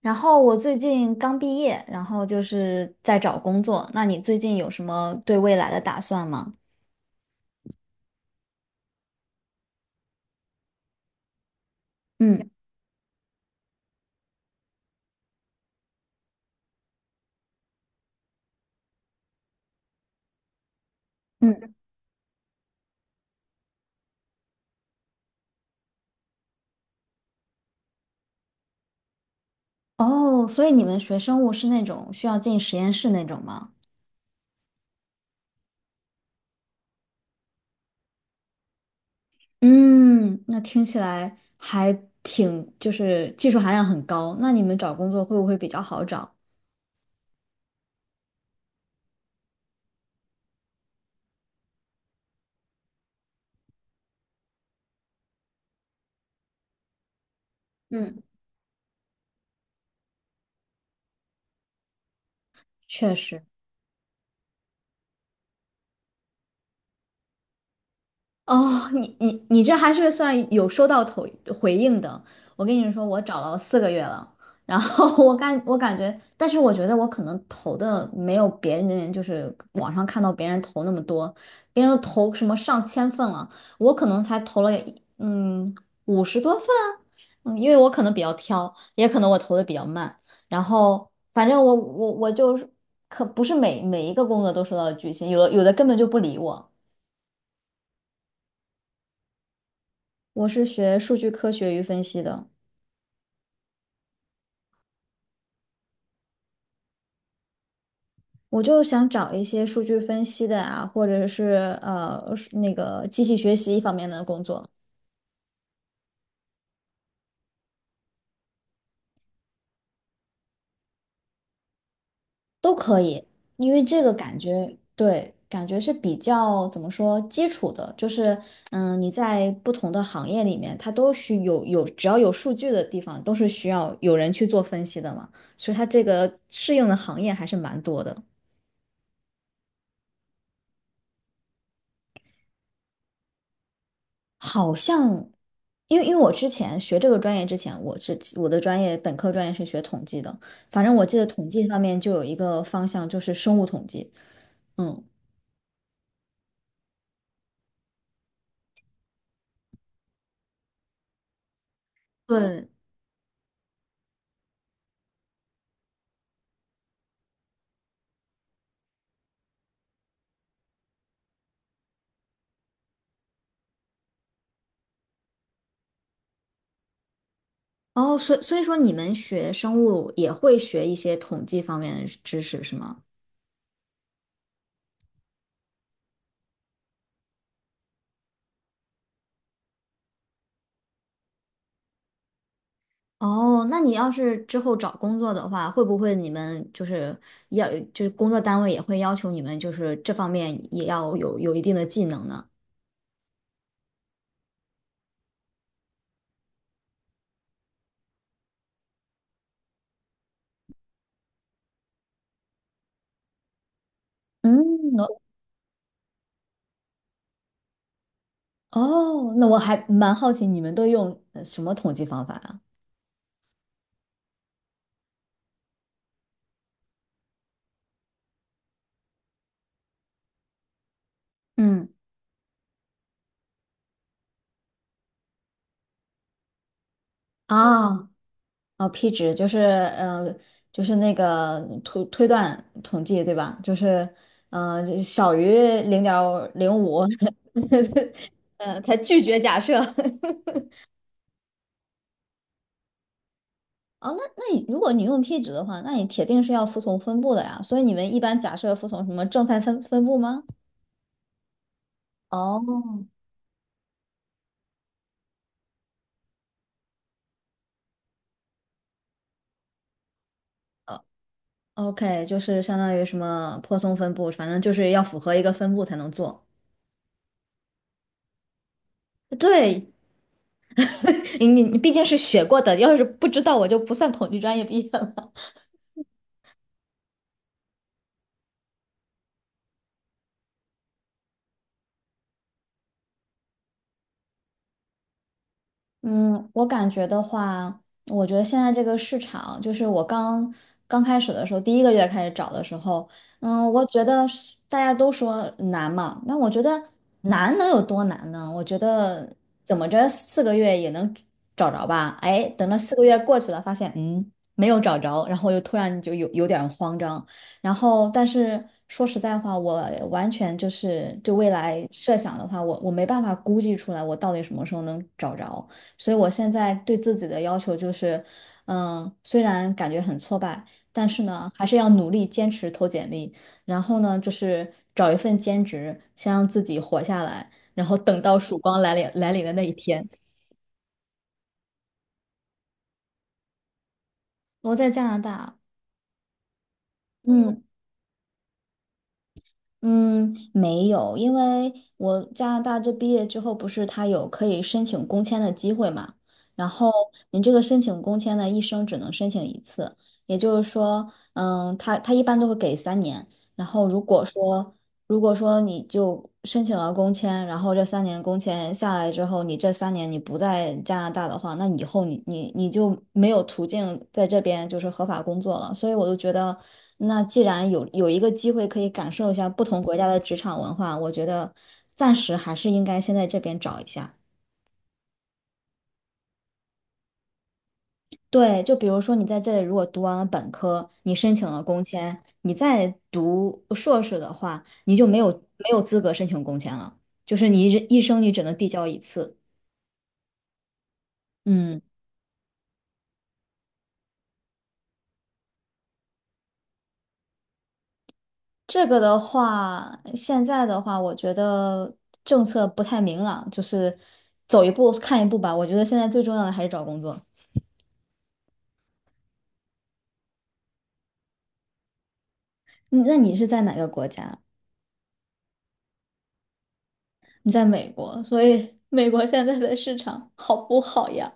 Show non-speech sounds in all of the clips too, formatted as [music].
然后我最近刚毕业，然后就是在找工作。那你最近有什么对未来的打算吗？嗯嗯。哦，所以你们学生物是那种需要进实验室那种吗？嗯，那听起来还挺，就是技术含量很高。那你们找工作会不会比较好找？嗯，确实。哦，你这还是算有收到头回应的。我跟你说，我找了四个月了，然后 [laughs] 我感觉，但是我觉得我可能投的没有别人，就是网上看到别人投那么多，别人都投什么上千份了，我可能才投了50多份，嗯，因为我可能比较挑，也可能我投的比较慢，然后反正我就是可不是每一个工作都收到拒信，有的根本就不理我。我是学数据科学与分析的。我就想找一些数据分析的啊，或者是那个机器学习方面的工作都可以。因为这个感觉对，感觉是比较怎么说基础的，就是你在不同的行业里面，它都需有只要有数据的地方，都是需要有人去做分析的嘛，所以它这个适应的行业还是蛮多的。好像，因为我之前学这个专业之前，我的本科专业是学统计的，反正我记得统计方面就有一个方向就是生物统计。嗯，对。哦，所以说你们学生物也会学一些统计方面的知识是吗？哦，那你要是之后找工作的话，会不会你们就是要就是工作单位也会要求你们就是这方面也要有一定的技能呢？嗯。哦，那我还蛮好奇你们都用什么统计方法啊？嗯。啊。哦，P 值就是嗯，就是那个推断统计对吧？就小于0.05，[laughs] 才拒绝假设。[laughs] 哦，那如果你用 P 值的话，那你铁定是要服从分布的呀。所以你们一般假设服从什么正态分布吗？哦，呃，OK，就是相当于什么泊松分布，反正就是要符合一个分布才能做。对。[laughs] 你毕竟是学过的，要是不知道我就不算统计专业毕业了。嗯，我感觉的话，我觉得现在这个市场，就是我刚刚开始的时候，第一个月开始找的时候，嗯，我觉得是大家都说难嘛，那我觉得难能有多难呢？我觉得怎么着四个月也能找着吧？哎，等到四个月过去了，发现没有找着，然后又突然就有点儿慌张，然后但是说实在话，我完全就是对未来设想的话，我没办法估计出来我到底什么时候能找着。所以我现在对自己的要求就是，嗯，虽然感觉很挫败，但是呢，还是要努力坚持投简历，然后呢，就是找一份兼职，先让自己活下来，然后等到曙光来临的那一天。我在加拿大。嗯。嗯，没有，因为我加拿大这毕业之后，不是他有可以申请工签的机会嘛？然后你这个申请工签呢，一生只能申请一次，也就是说，他一般都会给三年。然后如果说你就申请了工签，然后这三年工签下来之后，你这三年你不在加拿大的话，那以后你就没有途径在这边就是合法工作了。所以我就觉得，那既然有一个机会可以感受一下不同国家的职场文化，我觉得暂时还是应该先在这边找一下。对，就比如说你在这里如果读完了本科，你申请了工签，你再读硕士的话，你就没有资格申请工签了，就是你一生你只能递交一次。嗯，这个的话，现在的话，我觉得政策不太明朗，就是走一步看一步吧。我觉得现在最重要的还是找工作。嗯，那你是在哪个国家？你在美国，所以美国现在的市场好不好呀？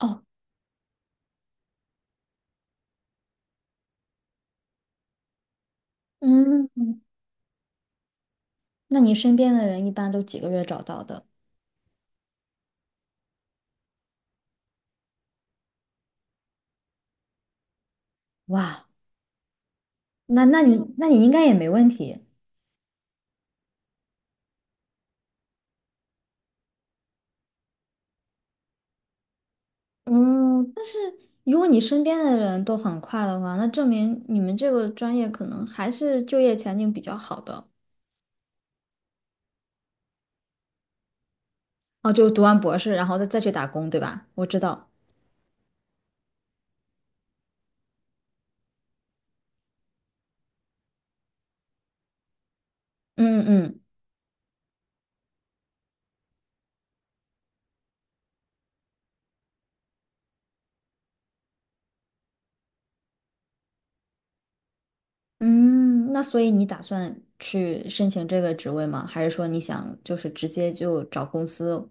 哦。嗯，那你身边的人一般都几个月找到的？哇，那你应该也没问题。嗯，如果你身边的人都很快的话，那证明你们这个专业可能还是就业前景比较好的。哦，就读完博士，然后再去打工，对吧？我知道。嗯嗯嗯，那所以你打算去申请这个职位吗？还是说你想就是直接就找公司？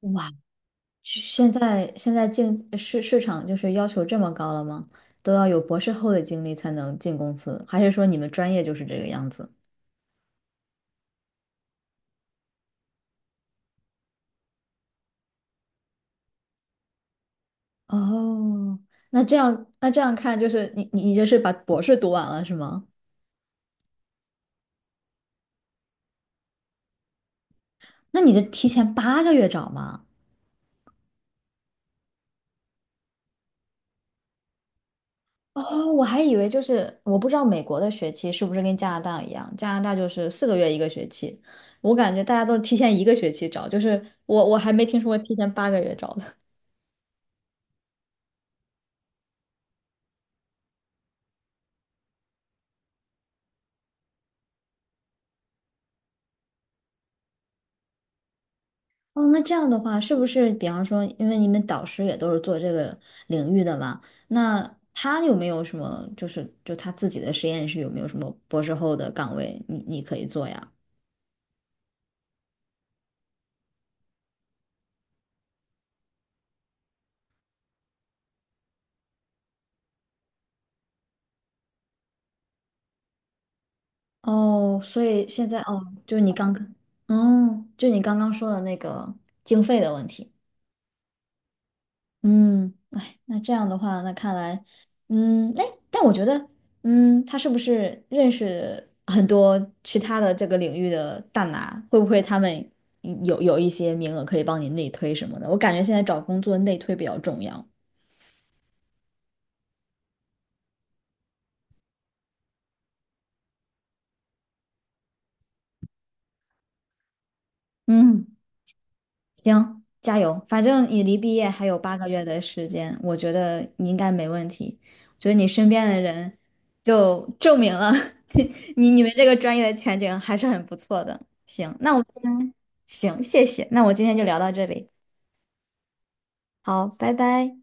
哇。现在市场就是要求这么高了吗？都要有博士后的经历才能进公司，还是说你们专业就是这个样子？哦，那这样看，就是你这是把博士读完了是吗？那你就提前八个月找吗？哦，我还以为就是我不知道美国的学期是不是跟加拿大一样，加拿大就是四个月一个学期，我感觉大家都是提前一个学期找，就是我还没听说过提前八个月找的。哦，那这样的话，是不是比方说，因为你们导师也都是做这个领域的嘛，那他有没有什么，就他自己的实验室有没有什么博士后的岗位你可以做呀？哦，所以现在哦，就是你刚刚，哦，就你刚刚说的那个经费的问题。嗯，哎，那这样的话，那看来，哎，但我觉得，他是不是认识很多其他的这个领域的大拿？会不会他们有一些名额可以帮你内推什么的？我感觉现在找工作内推比较重要。嗯。行，加油！反正你离毕业还有八个月的时间，我觉得你应该没问题。我觉得你身边的人就证明了 [laughs] 你们这个专业的前景还是很不错的。行，那我们今天行，谢谢。那我今天就聊到这里，好，拜拜。